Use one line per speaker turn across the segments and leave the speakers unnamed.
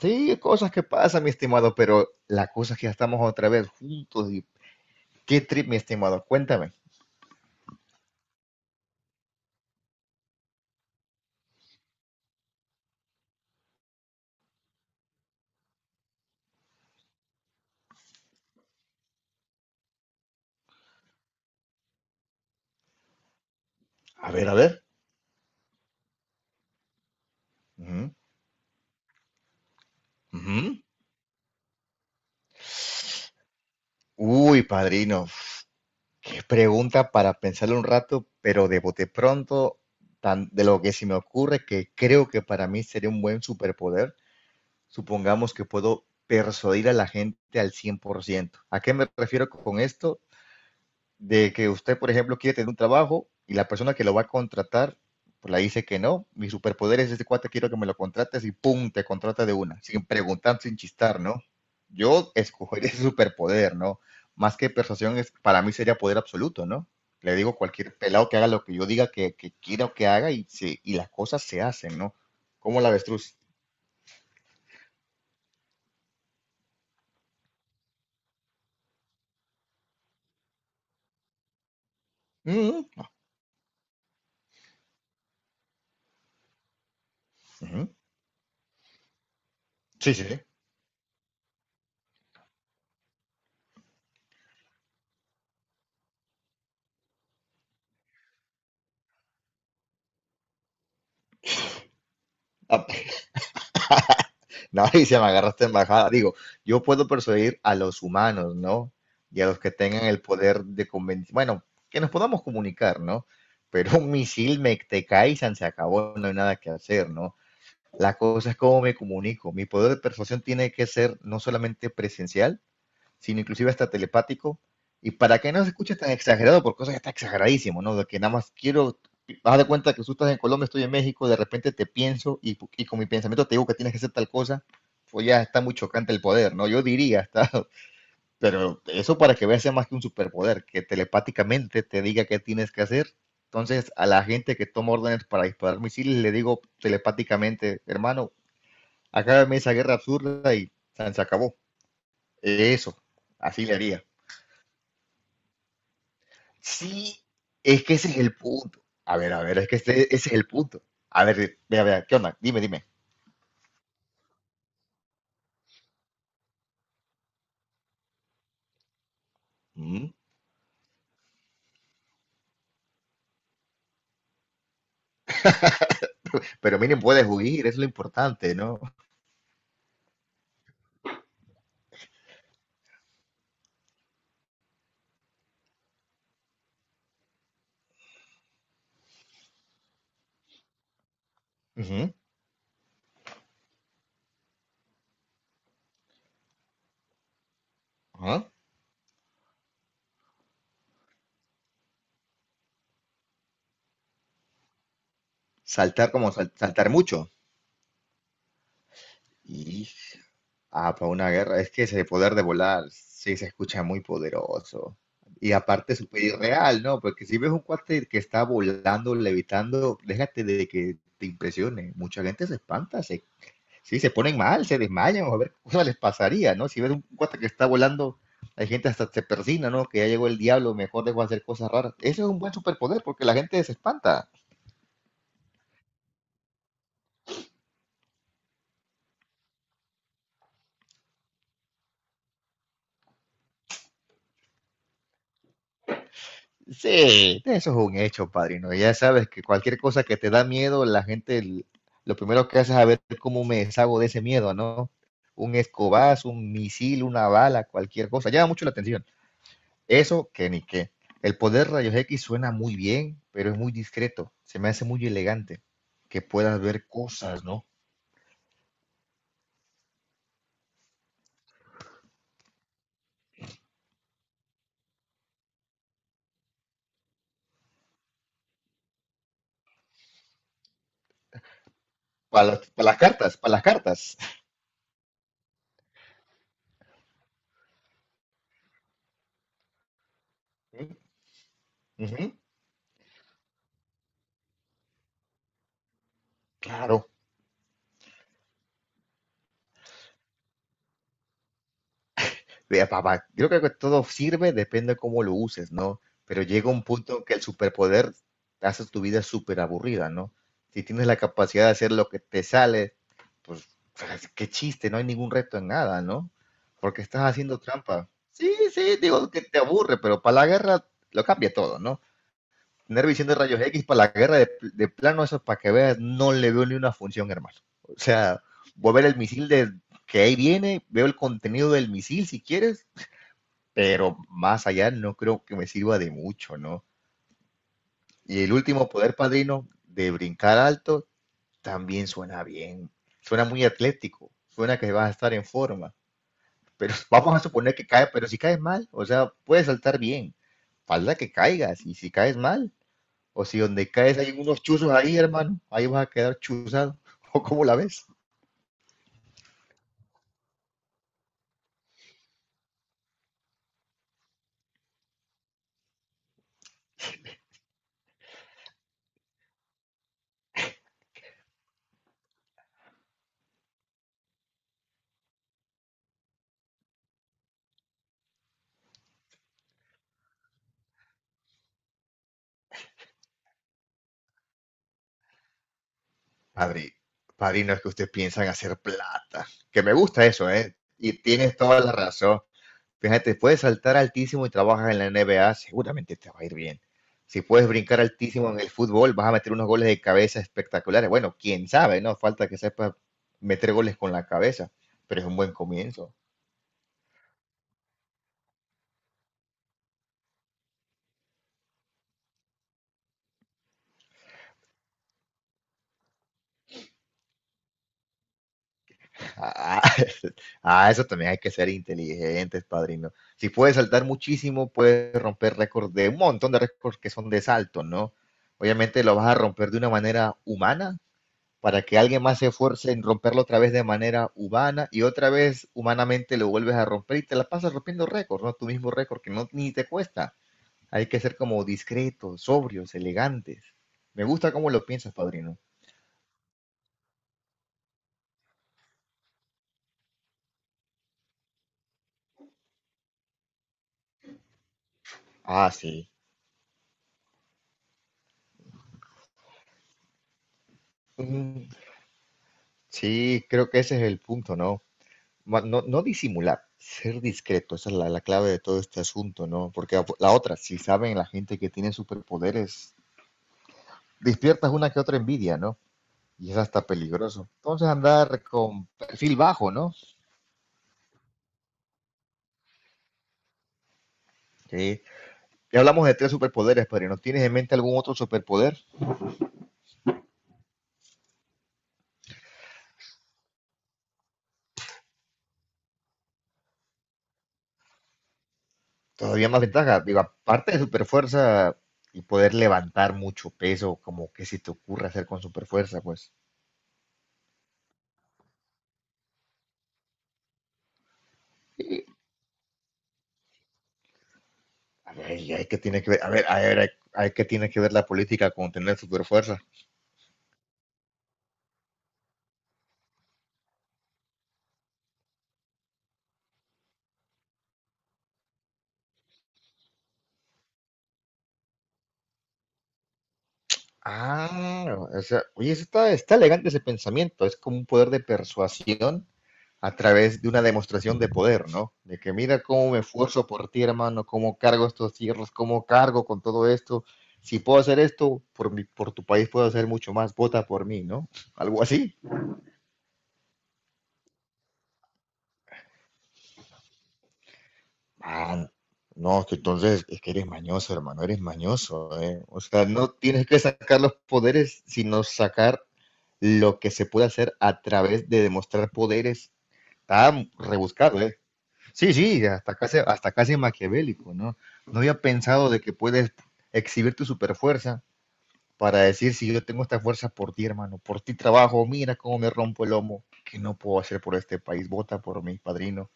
Sí, cosas que pasan, mi estimado, pero la cosa es que ya estamos otra vez juntos y qué trip, mi estimado, cuéntame. A ver, a ver. Ujú, ujú. Uy, padrino, uf, qué pregunta para pensarlo un rato, pero de bote pronto, de lo que se me ocurre, que creo que para mí sería un buen superpoder, supongamos que puedo persuadir a la gente al 100%. ¿A qué me refiero con esto? De que usted, por ejemplo, quiere tener un trabajo y la persona que lo va a contratar, pues le dice que no, mi superpoder es este cuate, quiero que me lo contrates y pum, te contrata de una, sin preguntar, sin chistar, ¿no? Yo escogería ese superpoder, ¿no? Más que persuasión, es, para mí sería poder absoluto, ¿no? Le digo a cualquier pelado que haga lo que yo diga que quiero que haga y las cosas se hacen, ¿no? Como la avestruz. Mm, ujú. Sí, sí, sí. Mauricio, me agarraste en bajada. Digo, yo puedo persuadir a los humanos, ¿no? Y a los que tengan el poder de convencer, bueno, que nos podamos comunicar, ¿no? Pero un misil me te cae y se acabó, no hay nada que hacer, ¿no? La cosa es cómo me comunico. Mi poder de persuasión tiene que ser no solamente presencial, sino inclusive hasta telepático, y para que no se escuche tan exagerado, porque eso ya está exageradísimo, ¿no? De que nada más quiero, vas de cuenta que tú estás en Colombia, estoy en México, de repente te pienso y con mi pensamiento te digo que tienes que hacer tal cosa, pues ya está muy chocante el poder, ¿no? Yo diría, está, pero eso para que veas sea más que un superpoder, que telepáticamente te diga qué tienes que hacer. Entonces, a la gente que toma órdenes para disparar misiles, le digo telepáticamente, hermano, acábame esa guerra absurda y se acabó. Eso, así le haría. Sí, es que ese es el punto. A ver, es que ese es el punto. A ver, vea, vea, ¿qué onda? Dime, dime. Mm. Pero miren, puedes huir, es lo importante, ¿no? Ujú, ajá. Saltar como saltar mucho. Y, ah, para una guerra, es que ese poder de volar, sí, se escucha muy poderoso. Y aparte, súper irreal, ¿no? Porque si ves un cuate que está volando, levitando, déjate de que te impresione. Mucha gente se espanta, se sí, se ponen mal, se desmayan, o a ver qué cosa les pasaría, ¿no? Si ves un cuate que está volando, hay gente hasta se persina, ¿no? Que ya llegó el diablo, mejor dejo de hacer cosas raras. Eso es un buen superpoder porque la gente se espanta. Sí, eso es un hecho, padrino. Ya sabes que cualquier cosa que te da miedo, la gente, lo primero que hace es a ver cómo me deshago de ese miedo, ¿no? Un escobazo, un misil, una bala, cualquier cosa. Llama mucho la atención. Eso que ni qué. El poder rayos X suena muy bien, pero es muy discreto. Se me hace muy elegante que puedas ver cosas, ¿no? Para las cartas, para las cartas. Ujú. Claro. Papá, yo creo que todo sirve, depende de cómo lo uses, ¿no? Pero llega un punto en que el superpoder hace tu vida súper aburrida, ¿no? Si tienes la capacidad de hacer lo que te sale, pues qué chiste, no hay ningún reto en nada, ¿no? Porque estás haciendo trampa. Sí, sí, digo que te aburre, pero para la guerra lo cambia todo, ¿no? Tener visión de rayos X para la guerra de plano, eso para que veas, no le veo ni una función, hermano. O sea, voy a ver el misil de que ahí viene, veo el contenido del misil si quieres, pero más allá no creo que me sirva de mucho, ¿no? Y el último poder padrino de brincar alto también suena bien, suena muy atlético, suena que vas a estar en forma, pero vamos a suponer que cae, pero si caes mal, o sea, puedes saltar bien, falta que caigas, y si caes mal, o si donde caes hay unos chuzos ahí, hermano, ahí vas a quedar chuzado, o cómo la ves. Padre, padrino, es que ustedes piensan hacer plata, que me gusta eso, ¿eh? Y tienes toda la razón. Fíjate, puedes saltar altísimo y trabajas en la NBA, seguramente te va a ir bien. Si puedes brincar altísimo en el fútbol, vas a meter unos goles de cabeza espectaculares. Bueno, quién sabe, ¿no? Falta que sepas meter goles con la cabeza, pero es un buen comienzo. Ah, ah, eso también hay que ser inteligentes, padrino. Si puedes saltar muchísimo, puedes romper récords de un montón de récords que son de salto, ¿no? Obviamente lo vas a romper de una manera humana, para que alguien más se esfuerce en romperlo otra vez de manera humana y otra vez humanamente lo vuelves a romper y te la pasas rompiendo récords, ¿no? Tu mismo récord que no ni te cuesta. Hay que ser como discretos, sobrios, elegantes. Me gusta cómo lo piensas, padrino. Ah, sí. Mm, sí, creo que ese es el punto, ¿no? No, no disimular, ser discreto, esa es la clave de todo este asunto, ¿no? Porque la otra, si saben la gente que tiene superpoderes, despiertas una que otra envidia, ¿no? Y es hasta peligroso. Entonces andar con perfil bajo, ¿no? Sí. Ya hablamos de tres superpoderes, pero ¿no tienes en mente algún otro superpoder? Todavía más ventaja. Digo, aparte de superfuerza y poder levantar mucho peso, como que si te ocurre hacer con superfuerza, pues. Y, a ver, ¿y ahí qué tiene que ver? A ver, a ver, ahí qué tiene que ver la política con tener superfuerza? Ah, o sea, oye, ese está, está elegante ese pensamiento. Es como un poder de persuasión a través de una demostración de poder, ¿no? De que mira cómo me esfuerzo por ti, hermano, cómo cargo estos cierros, cómo cargo con todo esto. Si puedo hacer esto, por mi, por tu país puedo hacer mucho más. Vota por mí, ¿no? Algo así. Ah, no, que entonces es que eres mañoso, hermano, eres mañoso, ¿eh? O sea, no tienes que sacar los poderes, sino sacar lo que se puede hacer a través de demostrar poderes. Está rebuscado, ¿eh? Sí, sí, hasta casi maquiavélico, ¿no? No había pensado de que puedes exhibir tu superfuerza para decir si yo tengo esta fuerza por ti, hermano, por ti trabajo, mira cómo me rompo el lomo, que no puedo hacer por este país, vota por mi padrino,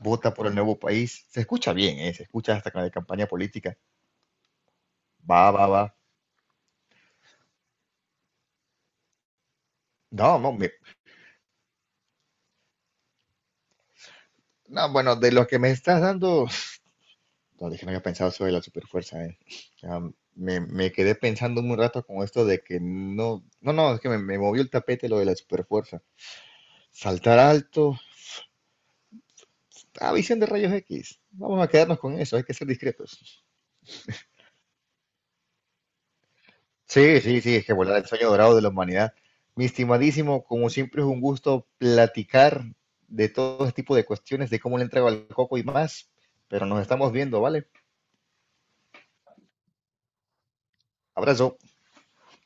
vota por el nuevo país. Se escucha bien, ¿eh? Se escucha hasta con la de campaña política. Va, va, va. No, no, no, bueno, de lo que me estás dando, no, dije, no había pensado sobre la superfuerza, eh. Me quedé pensando un rato con esto de que no, no, no, es que me movió el tapete lo de la superfuerza. Saltar alto, ah, visión de rayos X. Vamos a quedarnos con eso, hay que ser discretos. Sí, sí, sí, es que volar el sueño dorado de la humanidad. Mi estimadísimo, como siempre es un gusto platicar de todo este tipo de cuestiones, de cómo le entrego al coco y más, pero nos estamos viendo, ¿vale? Abrazo.